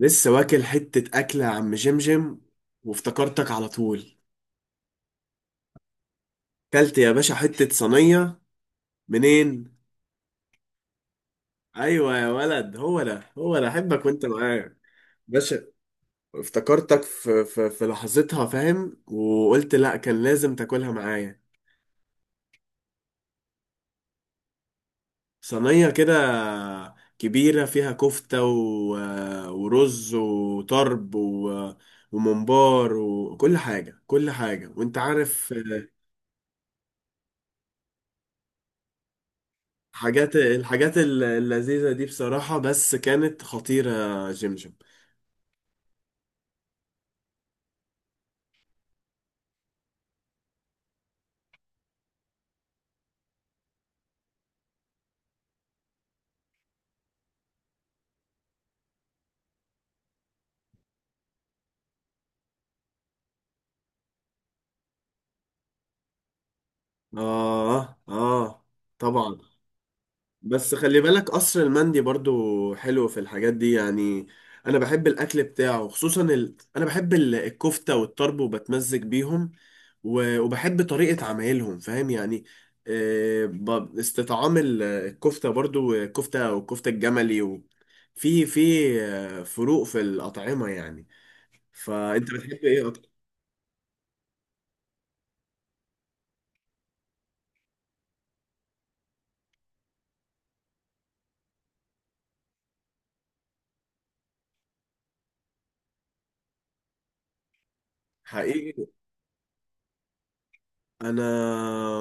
لسه واكل حتة أكلة يا عم جمجم، وافتكرتك على طول. كلت يا باشا حتة صينية. منين؟ أيوة يا ولد، هو ده هو ده. أحبك وأنت معايا باشا. افتكرتك في لحظتها فاهم، وقلت لأ، كان لازم تاكلها معايا. صينية كده كبيرة فيها كفتة ورز وطرب وممبار وكل حاجة كل حاجة وأنت عارف. اللذيذة دي بصراحة، بس كانت خطيرة يا جمجم. آه آه، طبعا. بس خلي بالك قصر المندي برضو حلو في الحاجات دي يعني. أنا بحب الأكل بتاعه، خصوصا أنا بحب الكفتة والطرب، وبتمزج بيهم، وبحب طريقة عمايلهم، فاهم يعني. آه، استطعام الكفتة، برضو الكفتة والكفتة الجملي في في آه، فروق في الأطعمة يعني. فأنت بتحب إيه؟ حقيقي. انا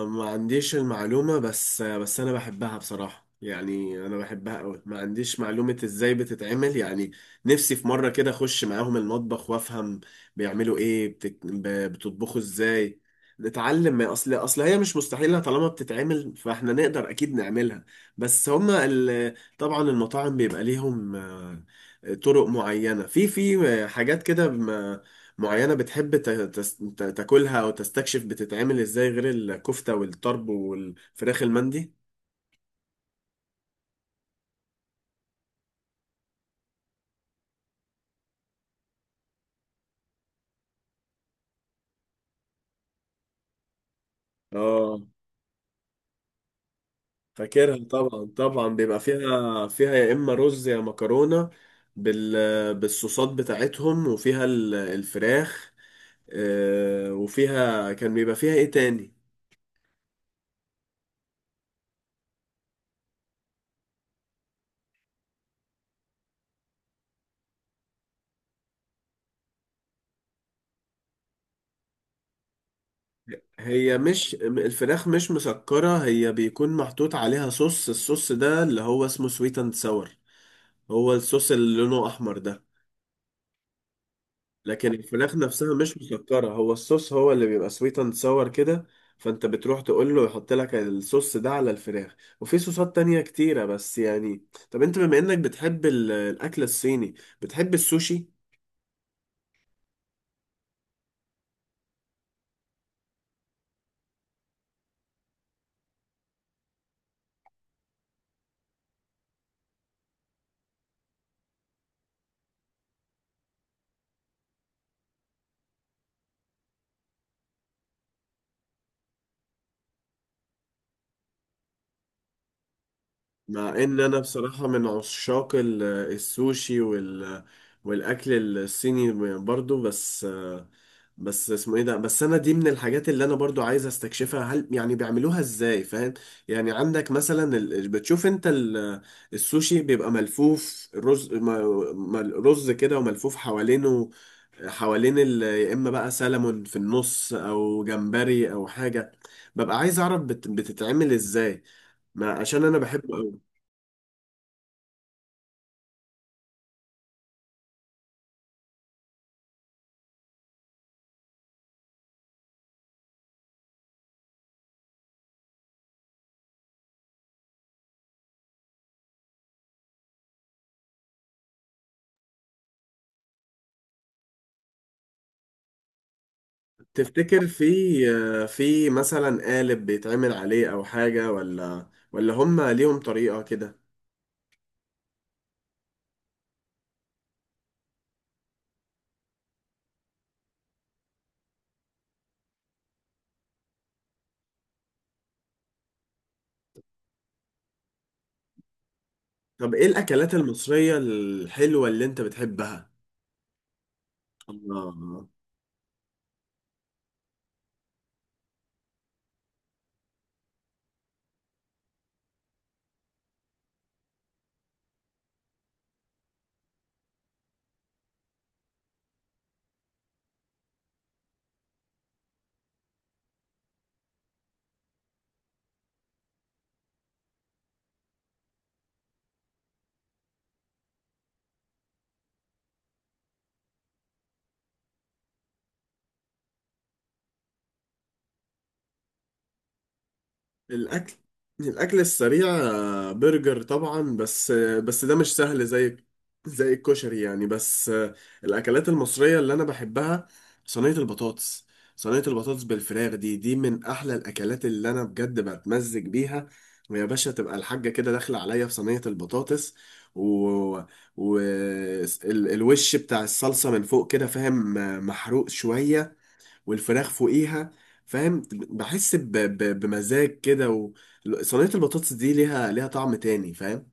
ما عنديش المعلومة، بس انا بحبها بصراحة، يعني انا بحبها قوي. ما عنديش معلومة ازاي بتتعمل يعني. نفسي في مرة كده اخش معاهم المطبخ وافهم بيعملوا ايه. بتطبخوا ازاي، نتعلم. اصل هي مش مستحيلة، طالما بتتعمل فاحنا نقدر اكيد نعملها. بس هما طبعا المطاعم بيبقى ليهم آه، طرق معينة في في حاجات كده معينة. بتحب تاكلها أو تستكشف بتتعمل إزاي غير الكفتة والطرب والفراخ المندي؟ آه، فاكرها طبعا طبعا. بيبقى فيها فيها يا إما رز يا مكرونة بالصوصات بتاعتهم، وفيها الفراخ. آه، وفيها كان بيبقى فيها إيه تاني؟ هي مش الفراخ مش مسكرة، هي بيكون محطوط عليها صوص. الصوص ده اللي هو اسمه سويت اند ساور، هو الصوص اللي لونه أحمر ده. لكن الفراخ نفسها مش مسكرة، هو الصوص هو اللي بيبقى سويت اند ساور كده. فانت بتروح تقول له يحط لك الصوص ده على الفراخ. وفي صوصات تانية كتيرة، بس يعني طب انت بما انك بتحب الاكل الصيني، بتحب السوشي؟ مع ان انا بصراحة من عشاق السوشي والاكل الصيني برضو. بس، بس اسمه ايه ده، بس انا دي من الحاجات اللي انا برضو عايز استكشفها، هل يعني بيعملوها ازاي، فاهم؟ يعني عندك مثلا بتشوف انت السوشي بيبقى ملفوف رز م- رز كده وملفوف حوالينه، حوالين يا اما بقى سلمون في النص او جمبري او حاجة. ببقى عايز اعرف بتتعمل ازاي، ما عشان انا بحبه قوي. تفتكر في في مثلا قالب بيتعمل عليه او حاجة، ولا هم ليهم طريقة كده؟ طب ايه الاكلات المصرية الحلوة اللي انت بتحبها؟ الله. الأكل، الأكل السريع آه، برجر طبعا، بس آه، بس ده مش سهل زي، زي الكشري يعني. بس آه، الأكلات المصرية اللي أنا بحبها صينية البطاطس. صينية البطاطس بالفراخ دي، دي من أحلى الأكلات اللي أنا بجد بتمزج بيها. ويا باشا تبقى الحاجة كده داخلة عليا في صينية البطاطس، و... و... الوش بتاع الصلصة من فوق كده، فاهم؟ آه، محروق شوية، والفراخ فوقيها. فاهم، بحس بمزاج كده صينية البطاطس دي ليها، ليها طعم تاني، فاهم؟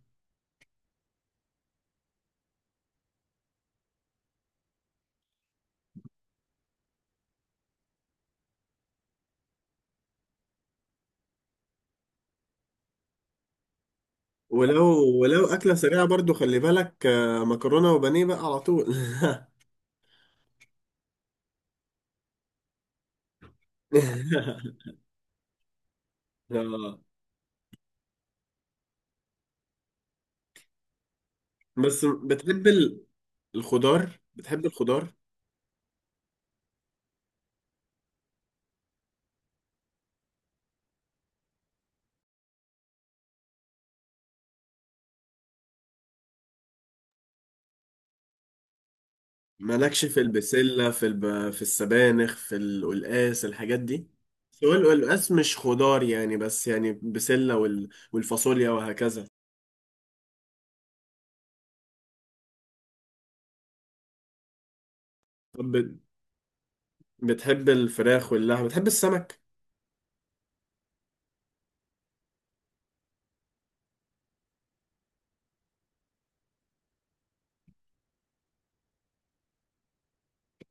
ولو، ولو أكلة سريعة برضو خلي بالك آه، مكرونة وبانيه بقى على طول. آه. بس بتحب الخضار؟ بتحب الخضار؟ مالكش في البسلة، في السبانخ، في القلقاس، الحاجات دي؟ بس هو القلقاس مش خضار يعني، بس يعني بسلة والفاصوليا وهكذا. طب بتحب الفراخ واللحم؟ بتحب السمك؟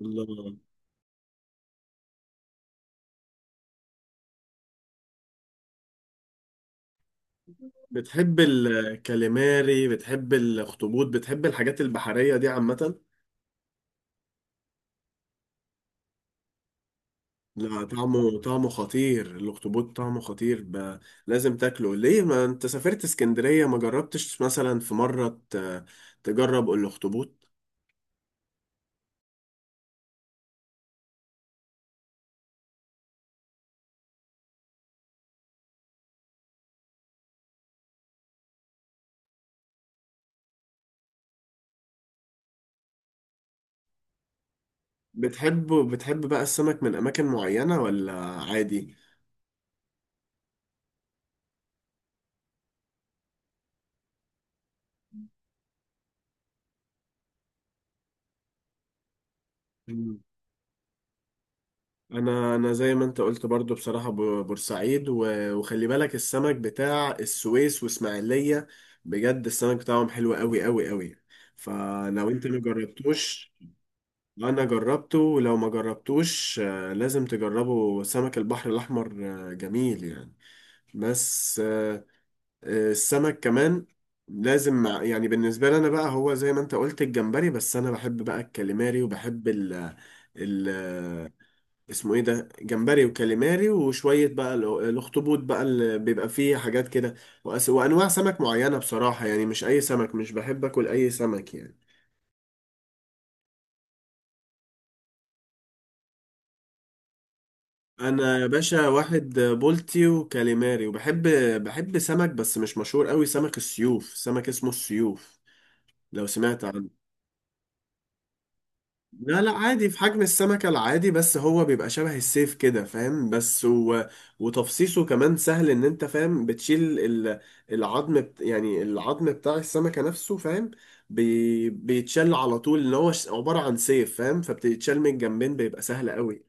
ال- بتحب الكاليماري، بتحب الاخطبوط، بتحب الحاجات البحرية دي عامة؟ لا، طعمه، طعمه خطير الاخطبوط، طعمه خطير لازم تاكله. ليه ما انت سافرت اسكندرية، ما جربتش مثلا في مرة تجرب الاخطبوط؟ بتحب، بتحب بقى السمك من اماكن معينة ولا عادي؟ انا، انا زي ما انت قلت برضو بصراحة بورسعيد، وخلي بالك السمك بتاع السويس واسماعيلية. بجد السمك بتاعهم حلو قوي قوي قوي. فلو انت ما جربتوش، انا جربته. ولو ما جربتوش آه، لازم تجربه، سمك البحر الاحمر آه، جميل يعني. بس آه، آه، السمك كمان لازم يعني بالنسبة لي انا بقى، هو زي ما انت قلت الجمبري، بس انا بحب بقى الكاليماري، وبحب ال- اسمه ايه ده، جمبري وكاليماري وشوية بقى الاخطبوط بقى اللي بيبقى فيه حاجات كده. وانواع سمك معينة بصراحة يعني، مش اي سمك، مش بحب اكل اي سمك يعني. انا يا باشا واحد بولتي وكاليماري، وبحب، بحب سمك بس مش مشهور قوي، سمك السيوف، سمك اسمه السيوف، لو سمعت عنه. لا لا، عادي في حجم السمكة العادي، بس هو بيبقى شبه السيف كده فاهم. بس وتفصيصه كمان سهل، ان انت فاهم بتشيل العظم يعني العظم بتاع السمكة نفسه، فاهم؟ بيتشال على طول، ان هو عبارة عن سيف، فاهم؟ فبتتشال من الجنبين، بيبقى سهل قوي.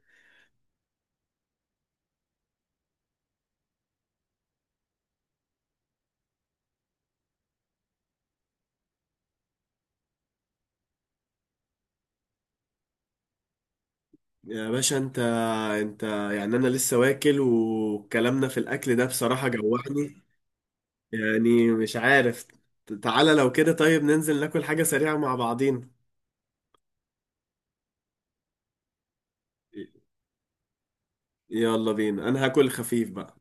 يا باشا انت، انت يعني انا لسه واكل وكلامنا في الاكل ده بصراحة جوعني، يعني مش عارف. تعالى لو كده طيب، ننزل ناكل حاجة سريعة مع بعضين. يلا بينا، انا هاكل خفيف بقى.